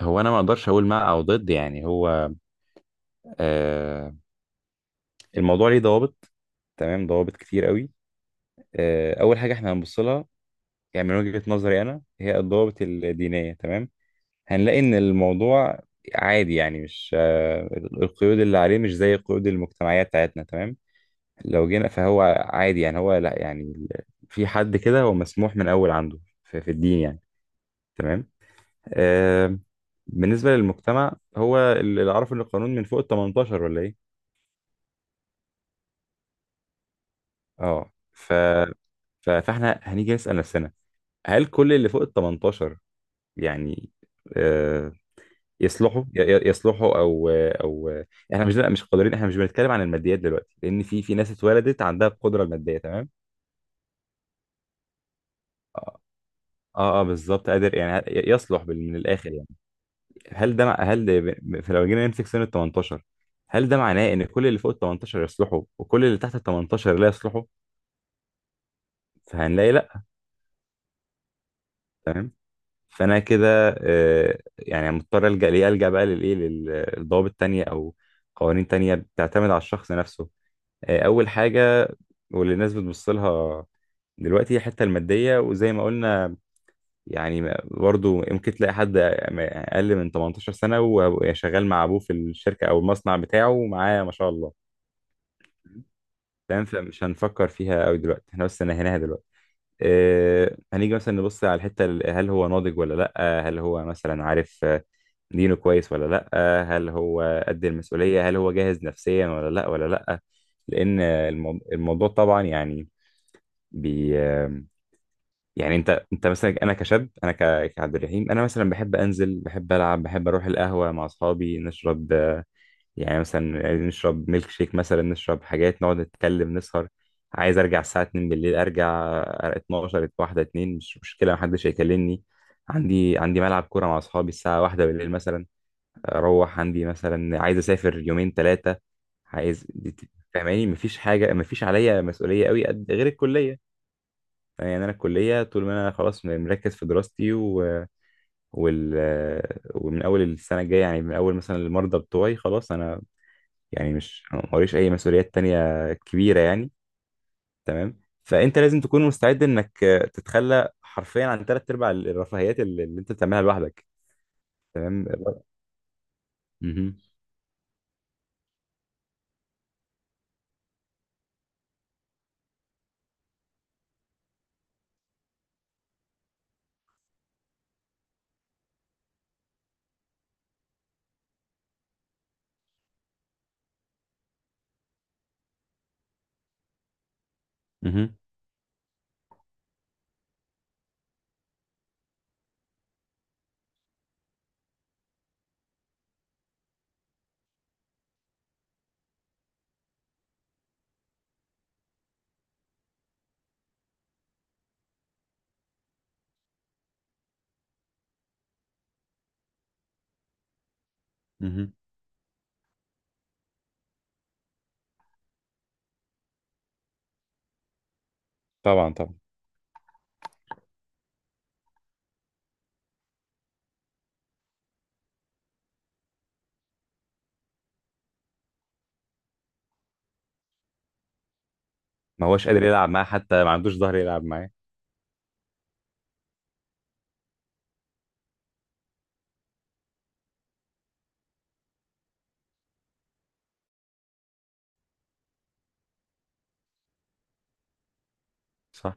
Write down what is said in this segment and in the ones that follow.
هو انا ما اقدرش اقول مع او ضد، يعني هو آه الموضوع ليه ضوابط، تمام، ضوابط كتير قوي. اول حاجه احنا هنبص لها، يعني من وجهه نظري انا، هي الضوابط الدينيه. تمام، هنلاقي ان الموضوع عادي، يعني مش، القيود اللي عليه مش زي قيود المجتمعيه بتاعتنا. تمام، لو جينا فهو عادي يعني، هو لا، يعني في حد كده هو مسموح من اول عنده في الدين يعني. تمام. آه بالنسبه للمجتمع، هو اللي عارف ان القانون من فوق ال 18 ولا ايه. اه، فاحنا هنيجي نسأل نفسنا، هل كل اللي فوق ال 18 يعني آه يصلحوا، يصلحوا او؟ احنا مش، لا مش قادرين، احنا مش بنتكلم عن الماديات دلوقتي، لان في ناس اتولدت عندها القدرة المادية. تمام. اه، اه، آه، بالظبط، قادر يعني يصلح، من الاخر يعني. هل ده مع... هل ده ب- فلو جينا نمسك سن ال 18، هل ده معناه ان كل اللي فوق ال 18 يصلحوا، وكل اللي تحت ال 18 لا يصلحوا؟ فهنلاقي لا. تمام، فانا كده يعني مضطر الجا ليه، الجا بقى للايه، للضوابط تانية او قوانين تانية بتعتمد على الشخص نفسه. اول حاجه واللي الناس بتبص لها دلوقتي هي الحته الماديه، وزي ما قلنا يعني، برضو يمكن تلاقي حد اقل من 18 سنه وشغال مع ابوه في الشركه او المصنع بتاعه، ومعاه ما شاء الله. تمام، فمش هنفكر فيها قوي دلوقتي، احنا بس نهيناها دلوقتي. هنيجي مثلا نبص على الحتة، هل هو ناضج ولا لأ، هل هو مثلا عارف دينه كويس ولا لأ، هل هو قد المسؤولية، هل هو جاهز نفسيا ولا لأ ولا لأ. لأن الموضوع طبعا يعني، بي آه، يعني انت مثلا، انا كشاب، انا كعبد الرحيم، انا مثلا بحب انزل، بحب العب، بحب اروح القهوه مع اصحابي، نشرب يعني، مثلا عايزين نشرب ميلك شيك مثلا، نشرب حاجات، نقعد نتكلم، نسهر. عايز ارجع الساعة 2 بالليل ارجع، 12، واحدة، 2، مش مشكلة، محدش هيكلمني. عندي ملعب كورة مع اصحابي الساعة واحدة بالليل مثلا اروح، عندي مثلا عايز اسافر يومين ثلاثة، عايز. فاهماني، مفيش حاجة، مفيش عليا مسؤولية قوي قد غير الكلية، يعني انا الكلية طول ما انا خلاص مركز في دراستي وال... ومن اول السنة الجاية يعني، من اول مثلا المرضى بتوعي خلاص، انا يعني مش، موريش اي مسؤوليات تانية كبيرة يعني. تمام، فانت لازم تكون مستعد انك تتخلى حرفيا عن ثلاث ارباع الرفاهيات اللي انت بتعملها لوحدك. تمام. مهم. مهم. مهم. طبعا طبعا، ما هوش قادر يلعب معاه، حتى ما عندوش ظهر يلعب معاه. صح.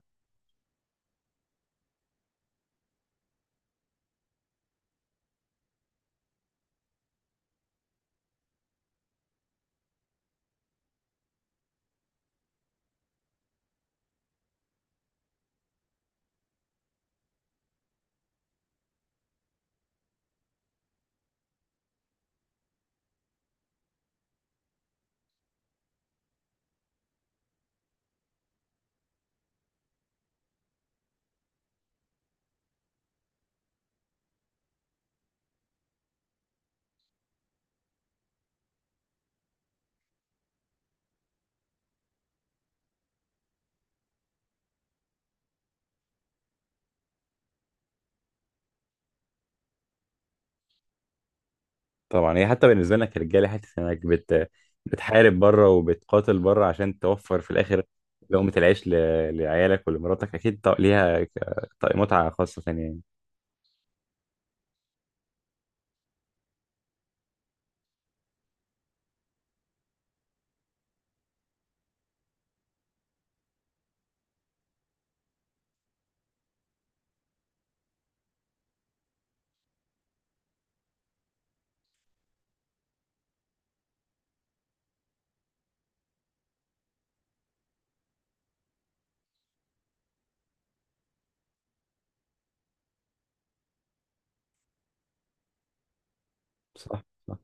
طبعا، هي حتى بالنسبة لنا كرجالة، حتة انك بتحارب بره وبتقاتل بره عشان توفر في الاخر لقمة العيش، لعيالك ولمراتك، اكيد ليها متعة خاصة ثانية يعني. صح. صح.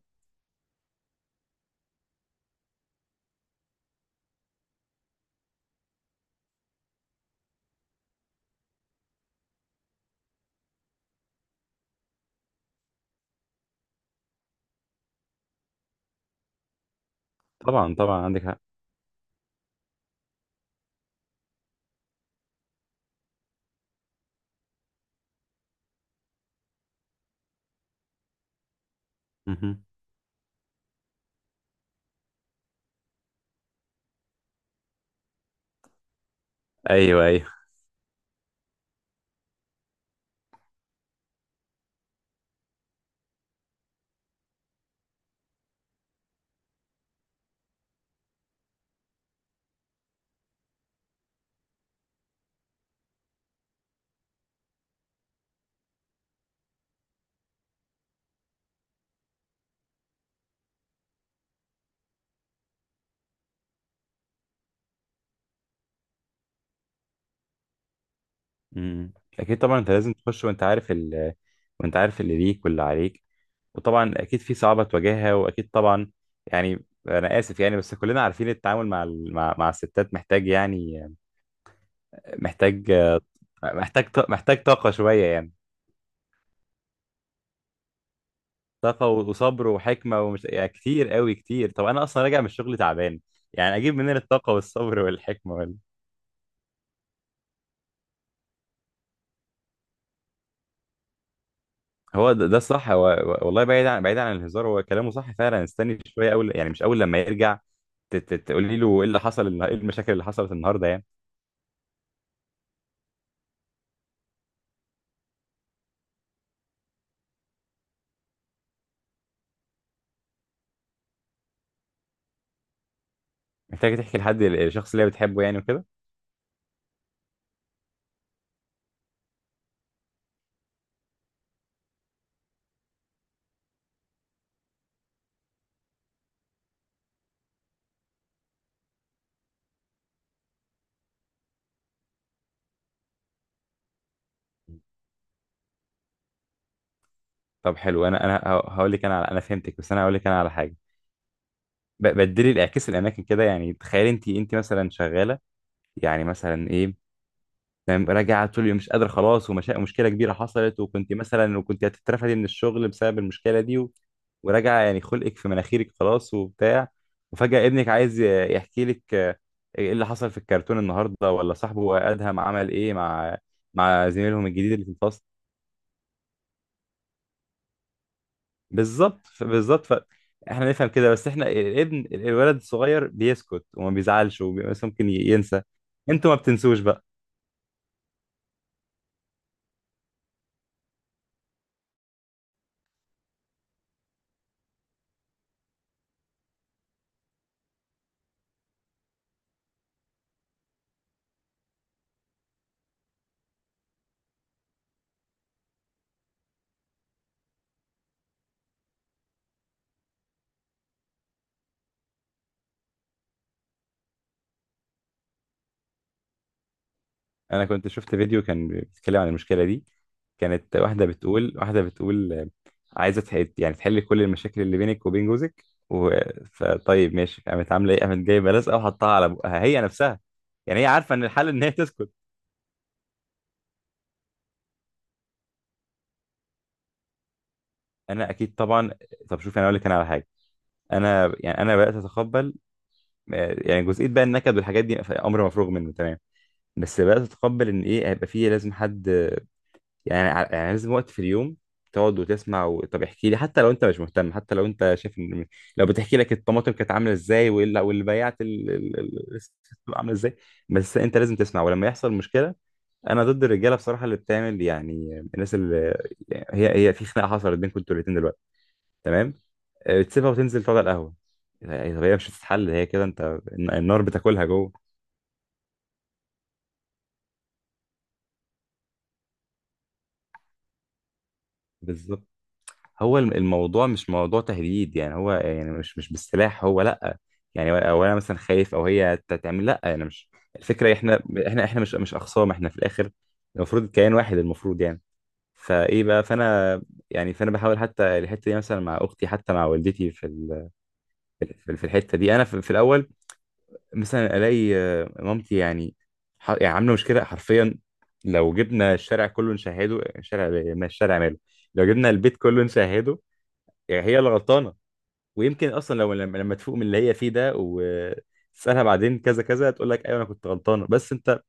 طبعا طبعا عندك حق. مهم. ايوه ايوه. امم اكيد طبعا انت لازم تخش وانت عارف، وانت عارف اللي ليك واللي عليك، وطبعا اكيد في صعوبة تواجهها، واكيد طبعا يعني، انا اسف يعني، بس كلنا عارفين التعامل مع، مع الستات محتاج يعني، محتاج محتاج محتاج طاقة شوية يعني. طاقة وصبر وحكمة، ومش يعني كتير قوي كتير. طب انا اصلا راجع من الشغل تعبان، يعني اجيب منين الطاقة والصبر والحكمة؟ هو ده الصح، والله بعيد عن، الهزار، هو كلامه صح فعلا، استني شويه اول، يعني مش اول لما يرجع، تقولي له ايه اللي حصل، ايه المشاكل اللي حصلت النهارده يعني. محتاج تحكي لحد، الشخص اللي هي بتحبه يعني، وكده. طب حلو. انا هقول لك انا على، انا فهمتك، بس انا هقول لك انا على حاجه. بدلي الاعكاس الاماكن كده، يعني تخيل انت مثلا شغاله، يعني مثلا ايه، يعني راجع طول اليوم، مش قادر خلاص، ومشكلة كبيرة حصلت، وكنت مثلا، وكنت هتترفدي من الشغل بسبب المشكلة دي، وراجع يعني خلقك في مناخيرك خلاص وبتاع، وفجأة ابنك عايز يحكي لك ايه اللي حصل في الكرتون النهارده، ولا صاحبه ادهم عمل ايه مع، زميلهم الجديد اللي في الفصل. بالظبط. ف- بالظبط ف احنا نفهم كده، بس احنا، الابن الولد الصغير بيسكت، وما بيزعلش، بس ممكن ينسى، انتوا ما بتنسوش بقى. انا كنت شفت فيديو كان بيتكلم عن المشكله دي، كانت واحده بتقول، عايزه تحل، يعني تحل كل المشاكل اللي بينك وبين جوزك، و... فطيب ماشي، قامت عامله ايه، قامت جايبه لزقه وحطها على بقها هي نفسها، يعني هي عارفه ان الحل ان هي تسكت. انا اكيد طبعا. طب شوف، انا اقول لك انا على حاجه، انا يعني انا بدات اتقبل يعني جزئيه بقى، النكد والحاجات دي امر مفروغ منه تمام، بس بدات اتقبل ان ايه، هيبقى فيه لازم حد، يعني يعني لازم وقت في اليوم تقعد وتسمع، طب احكي لي، حتى لو انت مش مهتم، حتى لو انت شايف ان، لو بتحكي لك الطماطم كانت عامله ازاي، واللي بيعت الست عامله ازاي، بس انت لازم تسمع. ولما يحصل مشكله، انا ضد الرجاله بصراحه اللي بتعمل يعني، الناس اللي، يعني هي في خناقه حصلت بينكم انتوا الاثنين دلوقتي، تمام، تسيبها وتنزل تقعد على القهوه، يعني طب هي مش هتتحل، هي كده انت النار بتاكلها جوه. بالظبط. هو الموضوع مش موضوع تهديد يعني، هو يعني مش بالسلاح، هو لا، يعني او انا مثلا خايف، او هي تعمل، لا انا مش، الفكره احنا، مش، اخصام، احنا في الاخر المفروض كيان واحد المفروض يعني. فايه بقى فانا، يعني فانا بحاول، حتى الحته دي مثلا مع اختي، حتى مع والدتي في في الحته دي، انا في الاول مثلا الاقي مامتي يعني يعني عامله مشكله حرفيا، لو جبنا الشارع كله نشهده، الشارع، ما الشارع ماله، لو جبنا البيت كله نشهده، يعني هي اللي غلطانه. ويمكن اصلا لو لما، تفوق من اللي هي فيه ده وتسالها بعدين كذا كذا، تقول لك ايوه انا كنت غلطانه بس انت،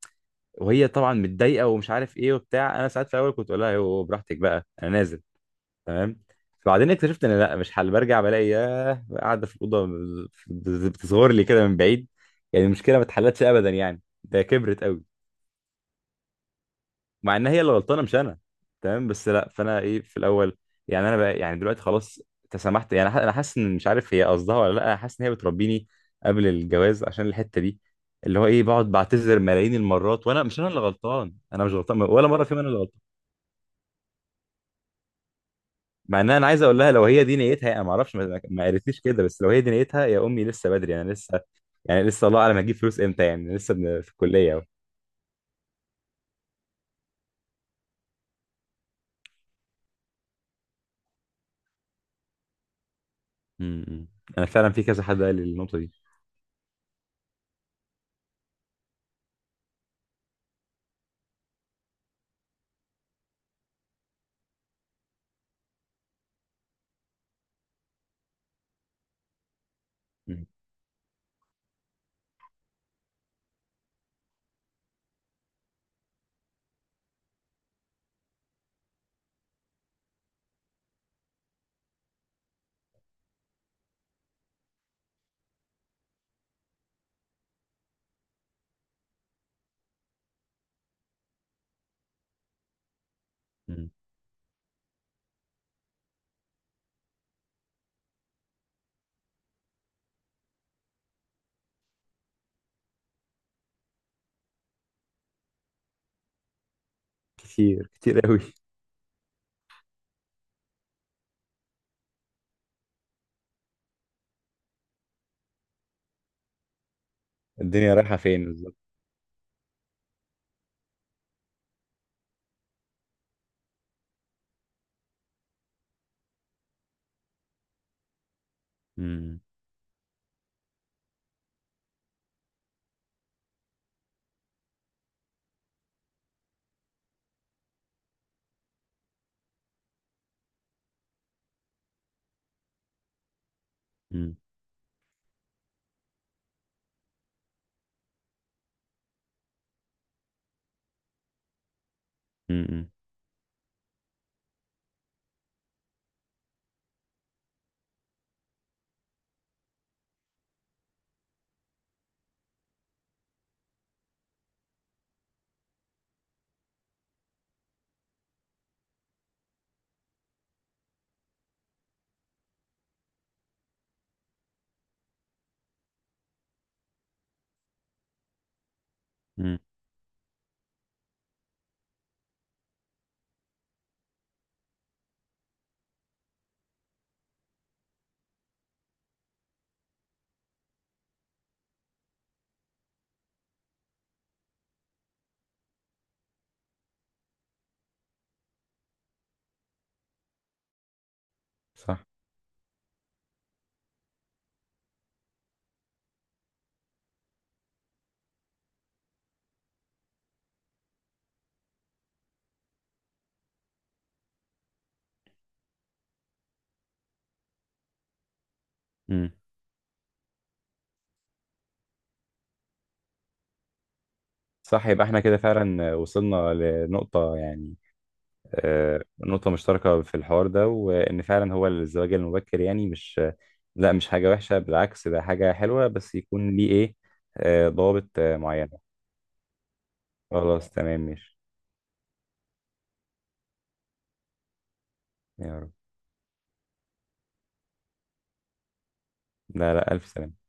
وهي طبعا متضايقه ومش عارف ايه وبتاع، انا ساعات في الاول كنت اقول لها ايوه براحتك بقى انا نازل. تمام. بعدين اكتشفت ان لا مش حل، برجع بلاقي ياه قاعده في الاوضه بتصغر لي كده من بعيد، يعني المشكله ما اتحلتش ابدا، يعني ده كبرت قوي، مع ان هي اللي غلطانه مش انا. تمام، بس لا، فانا ايه في الاول، يعني انا بقى، يعني دلوقتي خلاص تسامحت، يعني انا حاسس ان، مش عارف هي قصدها ولا لا، انا حاسس ان هي بتربيني قبل الجواز عشان الحته دي، اللي هو ايه، بقعد بعتذر ملايين المرات، وانا مش انا اللي غلطان، انا مش غلطان ولا مره فيهم انا اللي غلطان. مع ان انا عايز اقول لها لو هي دي نيتها، انا ما اعرفش، ما قالتليش كده، بس لو هي دي نيتها يا امي، لسه بدري، انا لسه يعني لسه، الله اعلم هجيب فلوس امتى، يعني لسه في الكليه أهو. م. م. انا فعلا في كذا حد قال لي النقطه دي. م. م. كتير كتير قوي. الدنيا رايحة فين بالظبط؟ مم. مم. مم. مم. صح. مم. صح، يبقى احنا كده فعلا وصلنا لنقطة يعني نقطة مشتركة في الحوار ده، وإن فعلا هو الزواج المبكر يعني مش، لا مش حاجة وحشة، بالعكس ده حاجة حلوة، بس يكون ليه إيه، ضوابط معينة. خلاص، تمام ماشي. يا رب. لا لا، ألف سلامة.